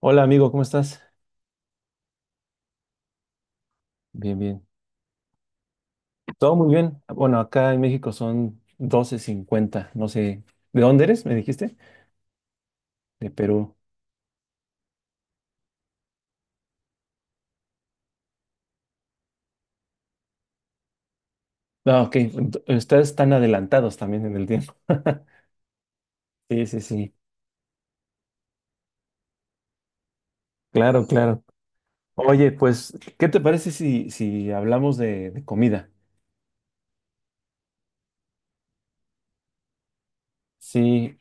Hola amigo, ¿cómo estás? Bien, bien. Todo muy bien. Bueno, acá en México son doce cincuenta. No sé, ¿de dónde eres? ¿Me dijiste? De Perú. Ah, ok. Ustedes están adelantados también en el tiempo. Sí, sí, sí. Claro, claro. Oye, pues, ¿qué te parece si hablamos de comida? Sí,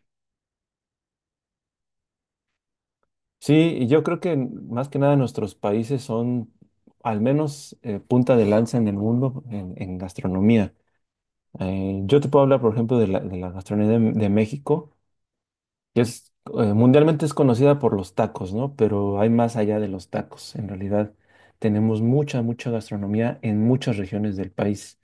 sí, y yo creo que más que nada nuestros países son al menos punta de lanza en el mundo en gastronomía. Yo te puedo hablar, por ejemplo, de la gastronomía de México que es mundialmente es conocida por los tacos, ¿no? Pero hay más allá de los tacos. En realidad tenemos mucha, mucha gastronomía en muchas regiones del país.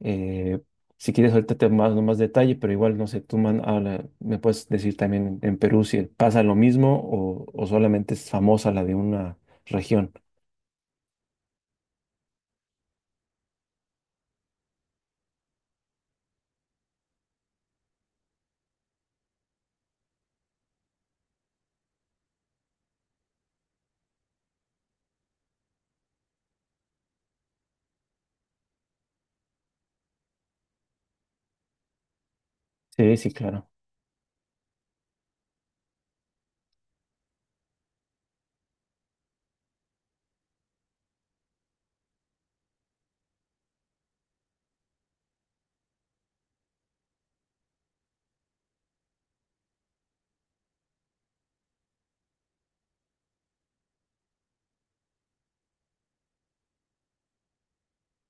Eh, si quieres, ahorita te mando más detalle, pero igual, no sé, me puedes decir también en Perú si pasa lo mismo o solamente es famosa la de una región. Sí, sí, claro.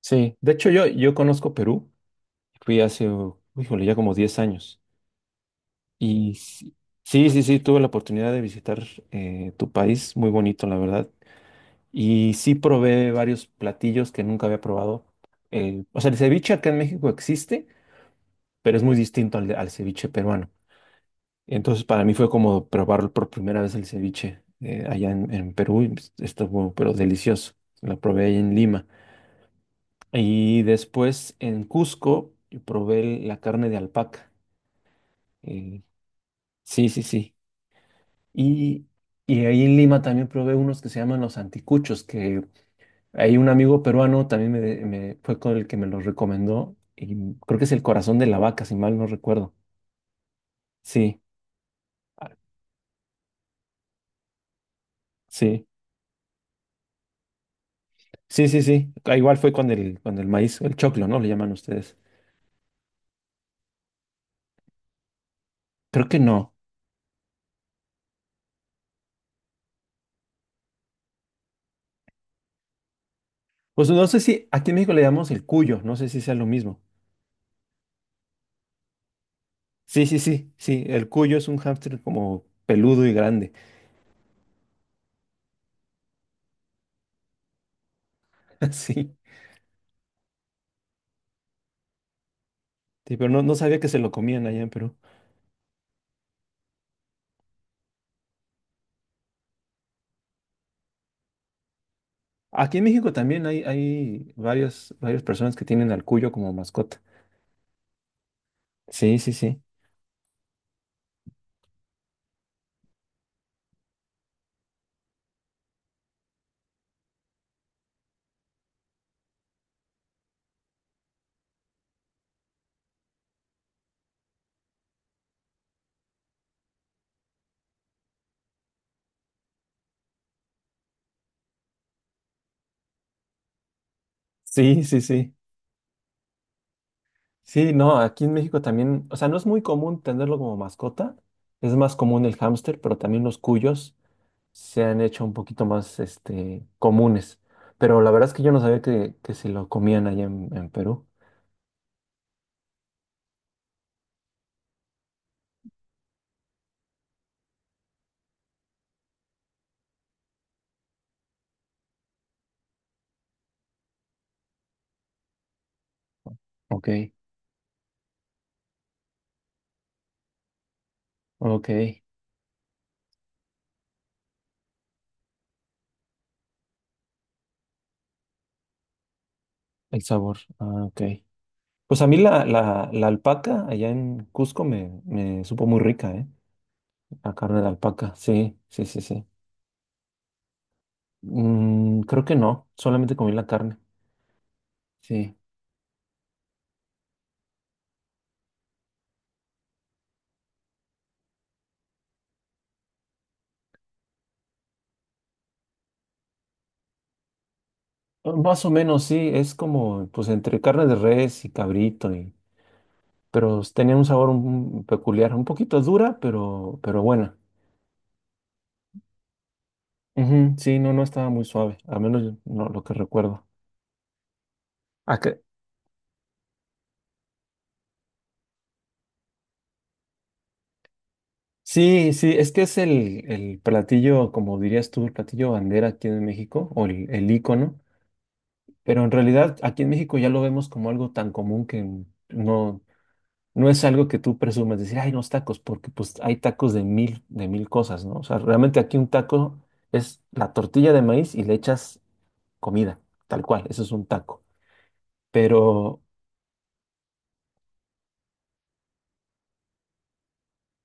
Sí, de hecho yo conozco Perú, fui hace, híjole, ya como 10 años. Y sí, sí, sí, sí, tuve la oportunidad de visitar tu país, muy bonito, la verdad. Y sí probé varios platillos que nunca había probado. O sea, el ceviche acá en México existe, pero es muy distinto al ceviche peruano. Entonces, para mí fue como probar por primera vez el ceviche allá en Perú. Y, pues, estuvo, pero delicioso. Lo probé ahí en Lima. Y después en Cusco probé la carne de alpaca. Eh, sí, sí, sí. Y, y ahí en Lima también probé unos que se llaman los anticuchos, que hay un amigo peruano también fue con el que me los recomendó. Y creo que es el corazón de la vaca, si mal no recuerdo. Sí. Ah, sí, sí, sí, sí. Ah, igual fue con el maíz, el choclo, ¿no? Le llaman ustedes. Creo que no. Pues no sé si aquí en México le llamamos el cuyo, no sé si sea lo mismo. Sí, sí, sí, sí. El cuyo es un hámster como peludo y grande. Sí, sí, pero no, no sabía que se lo comían allá en Perú. Aquí en México también hay varias, varias personas que tienen al cuyo como mascota. Sí, sí, sí. Sí, sí, sí. Sí, no, aquí en México también, o sea, no es muy común tenerlo como mascota, es más común el hámster, pero también los cuyos se han hecho un poquito más, este, comunes. Pero la verdad es que yo no sabía que se lo comían allá en Perú. Ok, ok. El sabor, ah, ok. Pues a mí la alpaca allá en Cusco me supo muy rica, ¿eh? La carne de alpaca, sí, sí, sí, sí. Creo que no, solamente comí la carne. Sí. Más o menos, sí, es como, pues, entre carne de res y cabrito, y, pero tenía un sabor peculiar, un poquito dura, pero buena. Ujú, sí, no, no estaba muy suave, al menos no, lo que recuerdo. Ah, que- Sí, sí, es que es el platillo, como dirías tú, el platillo bandera aquí en México, o el ícono, pero en realidad aquí en México ya lo vemos como algo tan común que no. No es algo que tú presumas, decir, ay, unos tacos, porque pues hay tacos de mil cosas, ¿no? O sea, realmente aquí un taco es la tortilla de maíz y le echas comida, tal cual, eso es un taco. Pero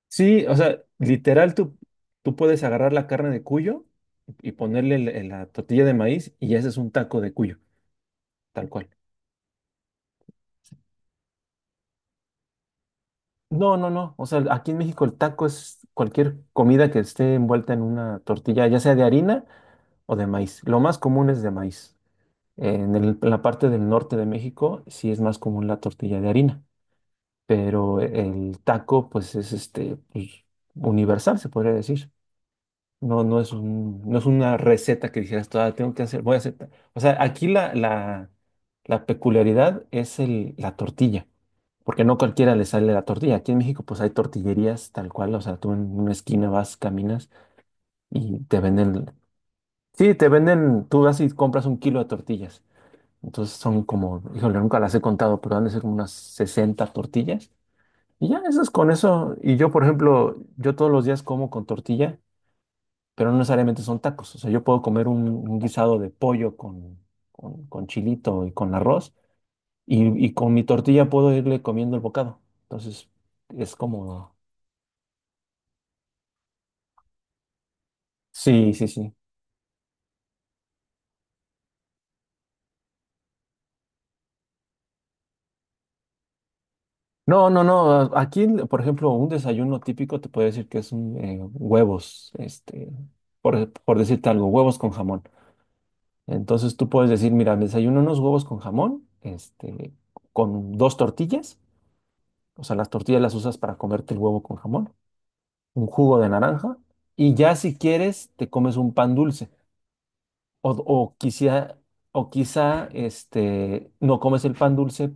sí, o sea, literal, tú puedes agarrar la carne de cuyo y ponerle la tortilla de maíz y ese es un taco de cuyo, tal cual. No, no, no, o sea, aquí en México el taco es cualquier comida que esté envuelta en una tortilla, ya sea de harina o de maíz. Lo más común es de maíz. En la parte del norte de México sí es más común la tortilla de harina, pero el taco pues es este pues, universal, se podría decir. No, no es una receta que dijeras, "Ah, tengo que hacer, voy a hacer. O sea, aquí la peculiaridad es la tortilla, porque no cualquiera le sale la tortilla. Aquí en México pues hay tortillerías tal cual, o sea, tú en una esquina vas, caminas y te venden, sí, te venden, tú vas y compras un kilo de tortillas. Entonces son como, híjole, nunca las he contado, pero han de ser como unas 60 tortillas. Y ya, eso es con eso. Y yo, por ejemplo, yo todos los días como con tortilla, pero no necesariamente son tacos. O sea, yo puedo comer un guisado de pollo con chilito y con arroz, y con mi tortilla puedo irle comiendo el bocado. Entonces, es como. Sí, sí, sí. No, no, no. Aquí, por ejemplo, un desayuno típico te puede decir que es huevos, este, por decirte algo, huevos con jamón. Entonces tú puedes decir, mira, me desayuno unos huevos con jamón, este, con dos tortillas, o sea, las tortillas las usas para comerte el huevo con jamón, un jugo de naranja, y ya si quieres te comes un pan dulce, o, o quizá, este, no comes el pan dulce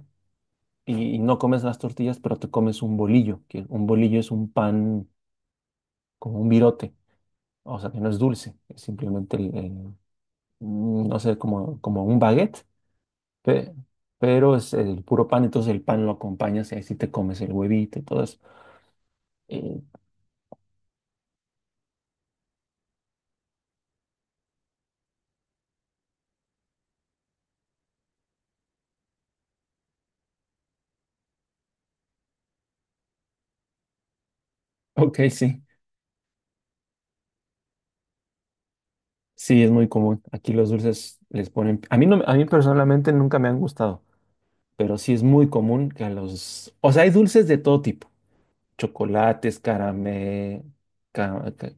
y no comes las tortillas, pero te comes un bolillo, que un bolillo es un pan como un virote, o sea, que no es dulce, es simplemente, no sé, como un baguette. Pe- pero es el puro pan, entonces el pan lo acompañas y ahí sí te comes el huevito y todo eso. Eh, ok, sí, sí, es muy común. Aquí los dulces les ponen. A mí, no, a mí personalmente nunca me han gustado, pero sí es muy común que a los. O sea, hay dulces de todo tipo. Chocolates, caramel. ca- ca-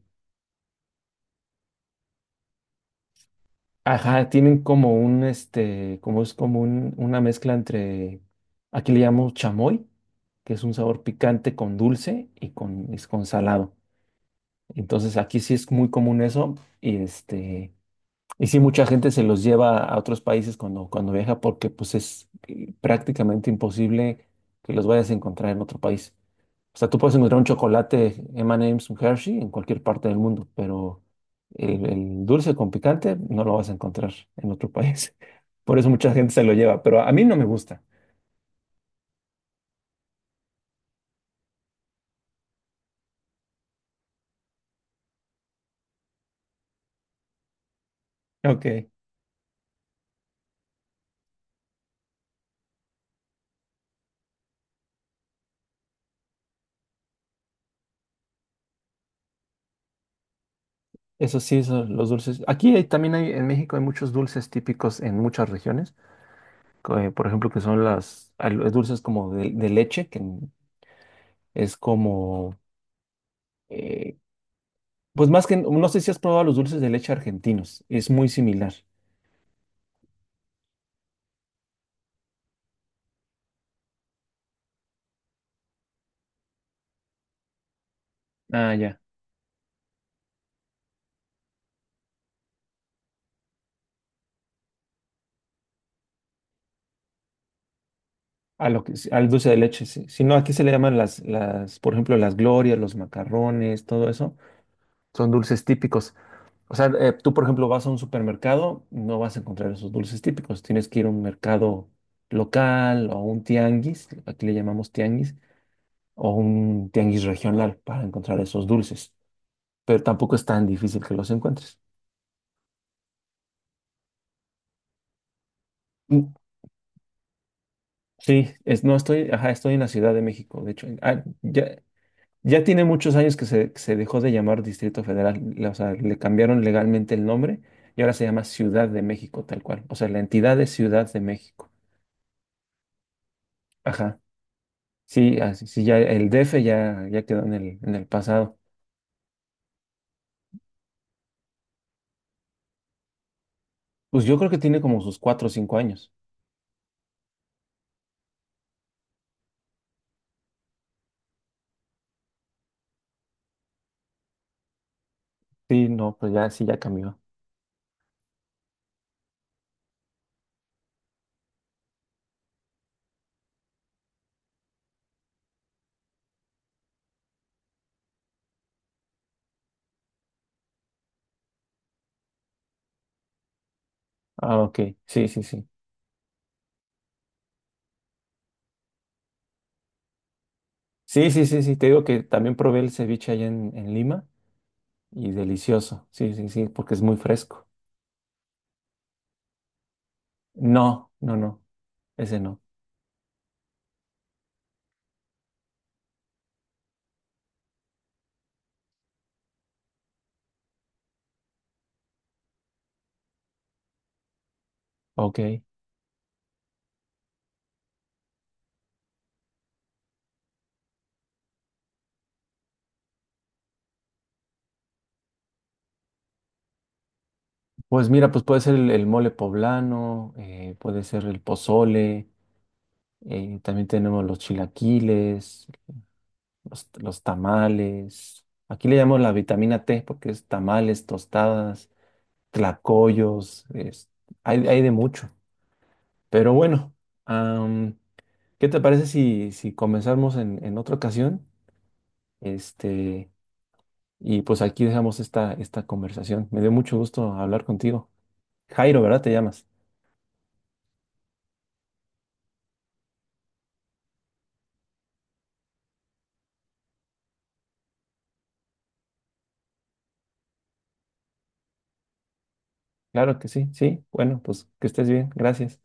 Ajá, tienen como un, este, como es como una mezcla entre. Aquí le llamamos chamoy, que es un sabor picante con dulce y es con salado. Entonces aquí sí es muy común eso y este y sí mucha gente se los lleva a otros países cuando cuando viaja porque pues es prácticamente imposible que los vayas a encontrar en otro país. O sea, tú puedes encontrar un chocolate M&M's, un Hershey en cualquier parte del mundo, pero el dulce con picante no lo vas a encontrar en otro país. Por eso mucha gente se lo lleva, pero a mí no me gusta. Ok, eso sí, eso, los dulces. También hay, en México hay muchos dulces típicos en muchas regiones. Por ejemplo, que son las dulces como de leche, que es como, eh, pues más que, no sé si has probado los dulces de leche argentinos, es muy similar. Ah, ya. Al dulce de leche, sí. Si no, aquí se le llaman por ejemplo, las glorias, los macarrones, todo eso, son dulces típicos. O sea, tú, por ejemplo, vas a un supermercado, no vas a encontrar esos dulces típicos, tienes que ir a un mercado local o a un tianguis, aquí le llamamos tianguis o un tianguis regional para encontrar esos dulces, pero tampoco es tan difícil que los encuentres. Mm, sí, no estoy, ajá, estoy en la Ciudad de México, de hecho, ah, ya, ya tiene muchos años que se dejó de llamar Distrito Federal, o sea, le cambiaron legalmente el nombre y ahora se llama Ciudad de México, tal cual, o sea, la entidad es Ciudad de México, ajá, sí, así, sí, ya el D F ya quedó en el pasado, pues yo creo que tiene como sus cuatro o cinco años, sí, no, pues ya, sí, ya cambió, ah, ok, sí, sí, sí. Sí, sí, sí, sí, te digo que también probé el ceviche allá en Lima y delicioso. Sí, sí, sí, porque es muy fresco. No, no, no, ese no. Ok. Pues mira, pues puede ser el mole poblano, puede ser el pozole, también tenemos los chilaquiles, los tamales. Aquí le llamamos la vitamina T porque es tamales, tostadas, tlacoyos, hay de mucho. Pero bueno, ¿qué te parece si comenzamos en otra ocasión? Este, y pues aquí dejamos esta conversación. Me dio mucho gusto hablar contigo. Jairo, ¿verdad? Te llamas. Claro que sí, sí. Bueno, pues que estés bien. Gracias.